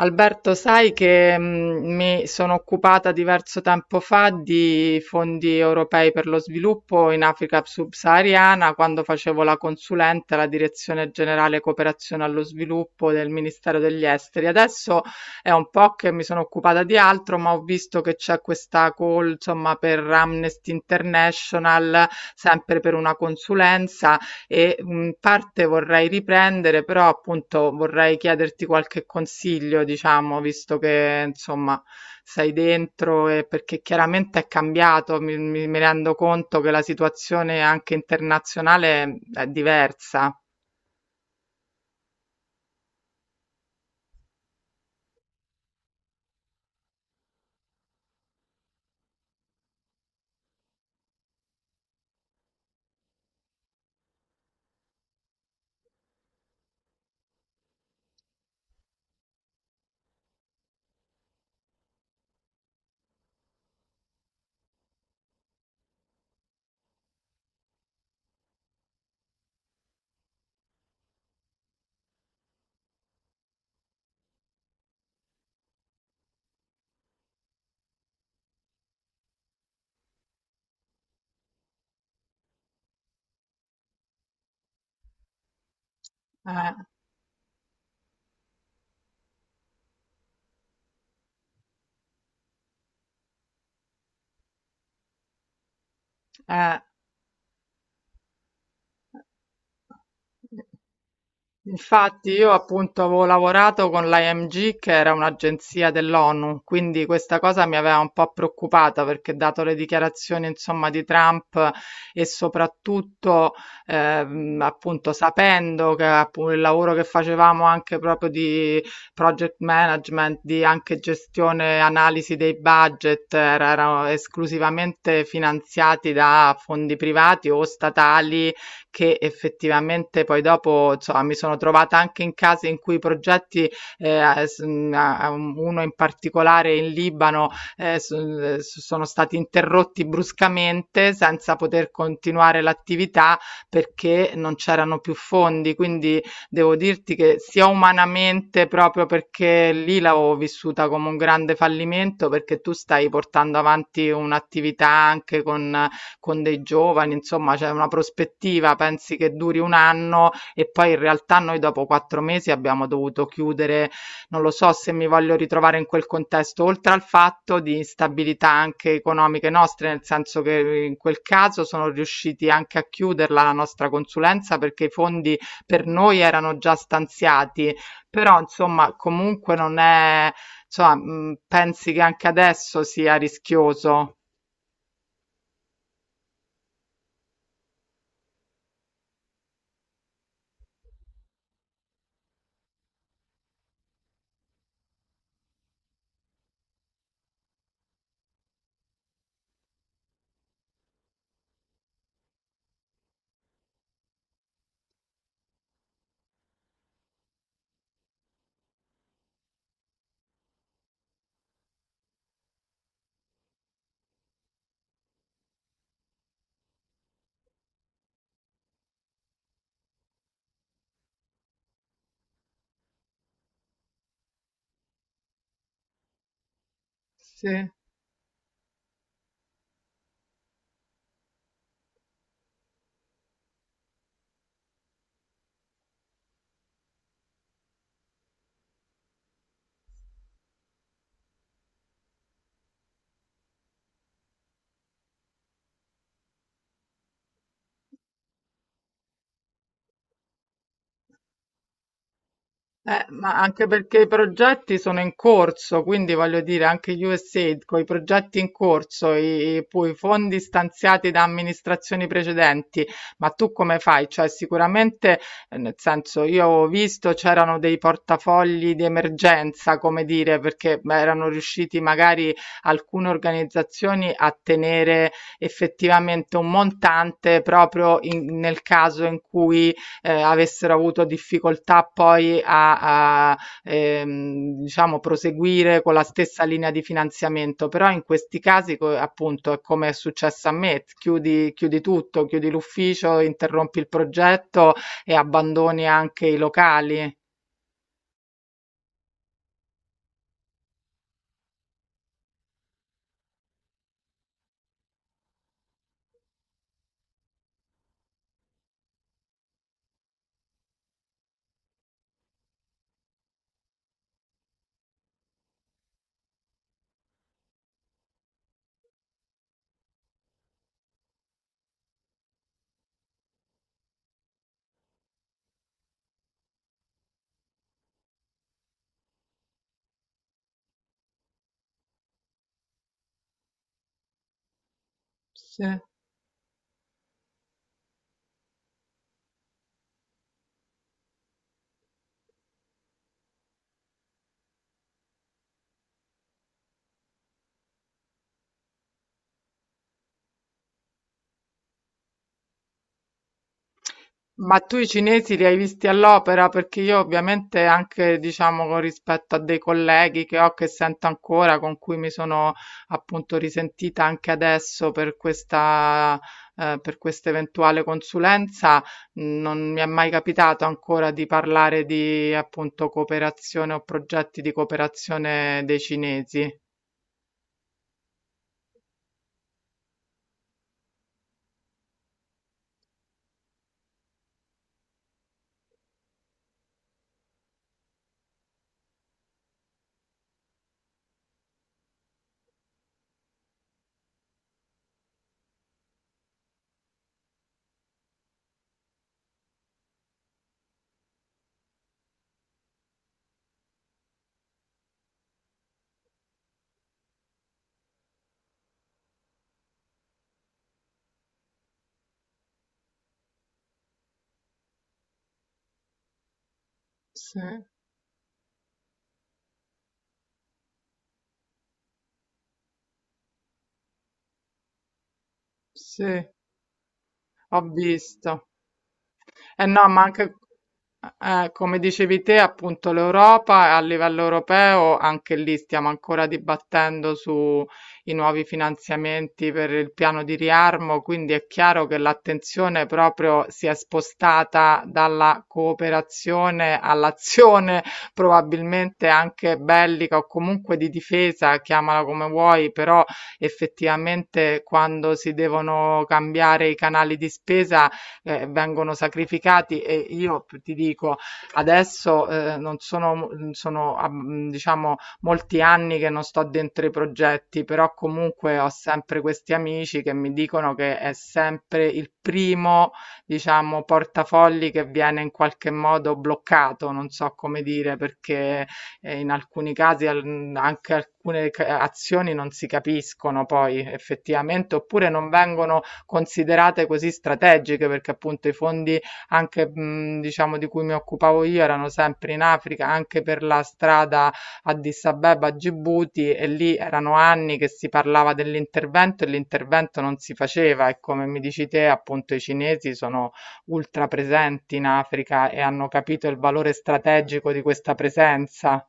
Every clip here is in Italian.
Alberto, sai che mi sono occupata diverso tempo fa di fondi europei per lo sviluppo in Africa subsahariana quando facevo la consulente alla Direzione Generale Cooperazione allo Sviluppo del Ministero degli Esteri. Adesso è un po' che mi sono occupata di altro, ma ho visto che c'è questa call, insomma, per Amnesty International, sempre per una consulenza e parte vorrei riprendere, però appunto vorrei chiederti qualche consiglio, diciamo, visto che insomma sei dentro e perché chiaramente è cambiato, mi rendo conto che la situazione anche internazionale è diversa. Eh, eh. Infatti io appunto avevo lavorato con l'IMG che era un'agenzia dell'ONU, quindi questa cosa mi aveva un po' preoccupata perché dato le dichiarazioni insomma di Trump e soprattutto appunto sapendo che appunto il lavoro che facevamo anche proprio di project management, di anche gestione, analisi dei budget erano esclusivamente finanziati da fondi privati o statali che effettivamente poi dopo, insomma, mi sono trovata anche in casi in cui i progetti, uno in particolare in Libano, sono stati interrotti bruscamente senza poter continuare l'attività perché non c'erano più fondi. Quindi devo dirti che sia umanamente, proprio perché lì l'avevo vissuta come un grande fallimento, perché tu stai portando avanti un'attività anche con dei giovani, insomma, c'è una prospettiva, pensi che duri un anno e poi in realtà noi dopo 4 mesi abbiamo dovuto chiudere, non lo so se mi voglio ritrovare in quel contesto, oltre al fatto di instabilità anche economiche nostre, nel senso che in quel caso sono riusciti anche a chiuderla la nostra consulenza perché i fondi per noi erano già stanziati, però insomma comunque non è, insomma, pensi che anche adesso sia rischioso? Sì. Ma anche perché i progetti sono in corso, quindi voglio dire, anche USAID con i progetti in corso, poi i fondi stanziati da amministrazioni precedenti, ma tu come fai? Cioè, sicuramente, nel senso, io ho visto c'erano dei portafogli di emergenza, come dire, perché beh, erano riusciti magari alcune organizzazioni a tenere effettivamente un montante proprio nel caso in cui avessero avuto difficoltà poi a, diciamo, proseguire con la stessa linea di finanziamento, però in questi casi, appunto, è come è successo a me, chiudi, chiudi tutto, chiudi l'ufficio, interrompi il progetto e abbandoni anche i locali. Sì. Ma tu i cinesi li hai visti all'opera? Perché io ovviamente anche, diciamo, con rispetto a dei colleghi che ho, che sento ancora, con cui mi sono appunto risentita anche adesso per questa eventuale consulenza, non mi è mai capitato ancora di parlare di appunto cooperazione o progetti di cooperazione dei cinesi. Sì, sì, ho visto. Eh no, ma anche, come dicevi te, appunto l'Europa a livello europeo, anche lì stiamo ancora dibattendo sui nuovi finanziamenti per il piano di riarmo, quindi è chiaro che l'attenzione proprio si è spostata dalla cooperazione all'azione probabilmente anche bellica o comunque di difesa, chiamala come vuoi, però effettivamente quando si devono cambiare i canali di spesa vengono sacrificati e io ti dico adesso non sono, sono diciamo molti anni che non sto dentro i progetti, però comunque ho sempre questi amici che mi dicono che è sempre il primo, diciamo, portafogli che viene in qualche modo bloccato, non so come dire, perché in alcuni casi anche alcune azioni non si capiscono poi effettivamente, oppure non vengono considerate così strategiche perché appunto i fondi anche diciamo di cui mi occupavo io erano sempre in Africa, anche per la strada Addis Abeba a Gibuti e lì erano anni che si parlava dell'intervento e l'intervento non si faceva e come mi dici te appunto i cinesi sono ultra presenti in Africa e hanno capito il valore strategico di questa presenza.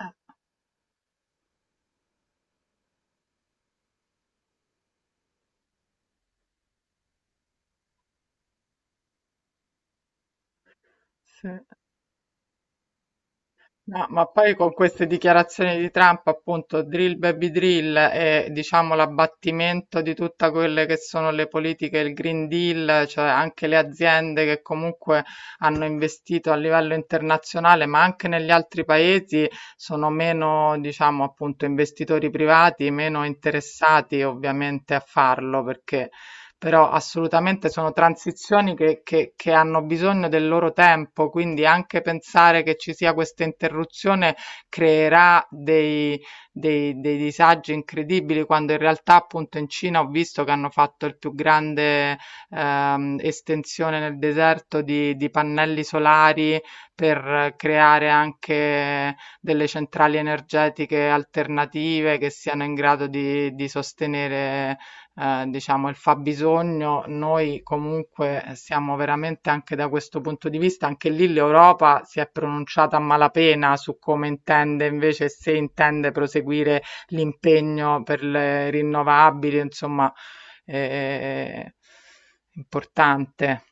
Eh, sì. No, ma poi con queste dichiarazioni di Trump, appunto, drill baby drill e diciamo l'abbattimento di tutte quelle che sono le politiche, il Green Deal, cioè anche le aziende che comunque hanno investito a livello internazionale, ma anche negli altri paesi sono meno, diciamo, appunto, investitori privati, meno interessati ovviamente a farlo perché però assolutamente sono transizioni che hanno bisogno del loro tempo, quindi anche pensare che ci sia questa interruzione creerà dei, dei disagi incredibili, quando in realtà appunto in Cina ho visto che hanno fatto il più grande estensione nel deserto di pannelli solari per creare anche delle centrali energetiche alternative che siano in grado di sostenere diciamo, il fabbisogno, noi comunque siamo veramente anche da questo punto di vista, anche lì l'Europa si è pronunciata a malapena su come intende invece, se intende proseguire l'impegno per le rinnovabili, insomma, eh, importante.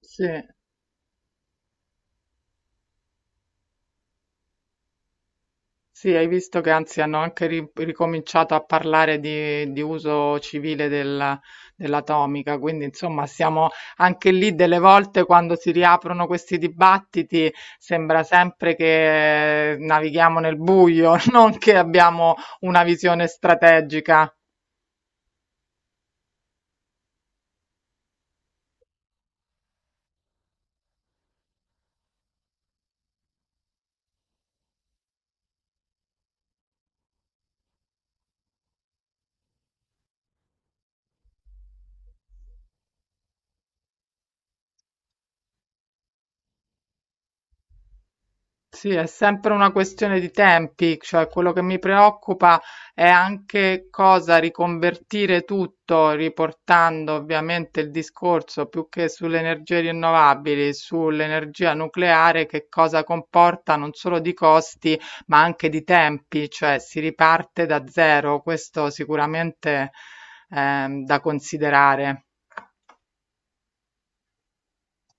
Sì. Sì, hai visto che anzi hanno anche ricominciato a parlare di uso civile dell'atomica, quindi insomma siamo anche lì delle volte quando si riaprono questi dibattiti, sembra sempre che navighiamo nel buio, non che abbiamo una visione strategica. Sì, è sempre una questione di tempi, cioè quello che mi preoccupa è anche cosa riconvertire tutto, riportando ovviamente il discorso più che sulle energie rinnovabili, sull'energia nucleare, che cosa comporta non solo di costi, ma anche di tempi, cioè si riparte da zero, questo sicuramente è da considerare.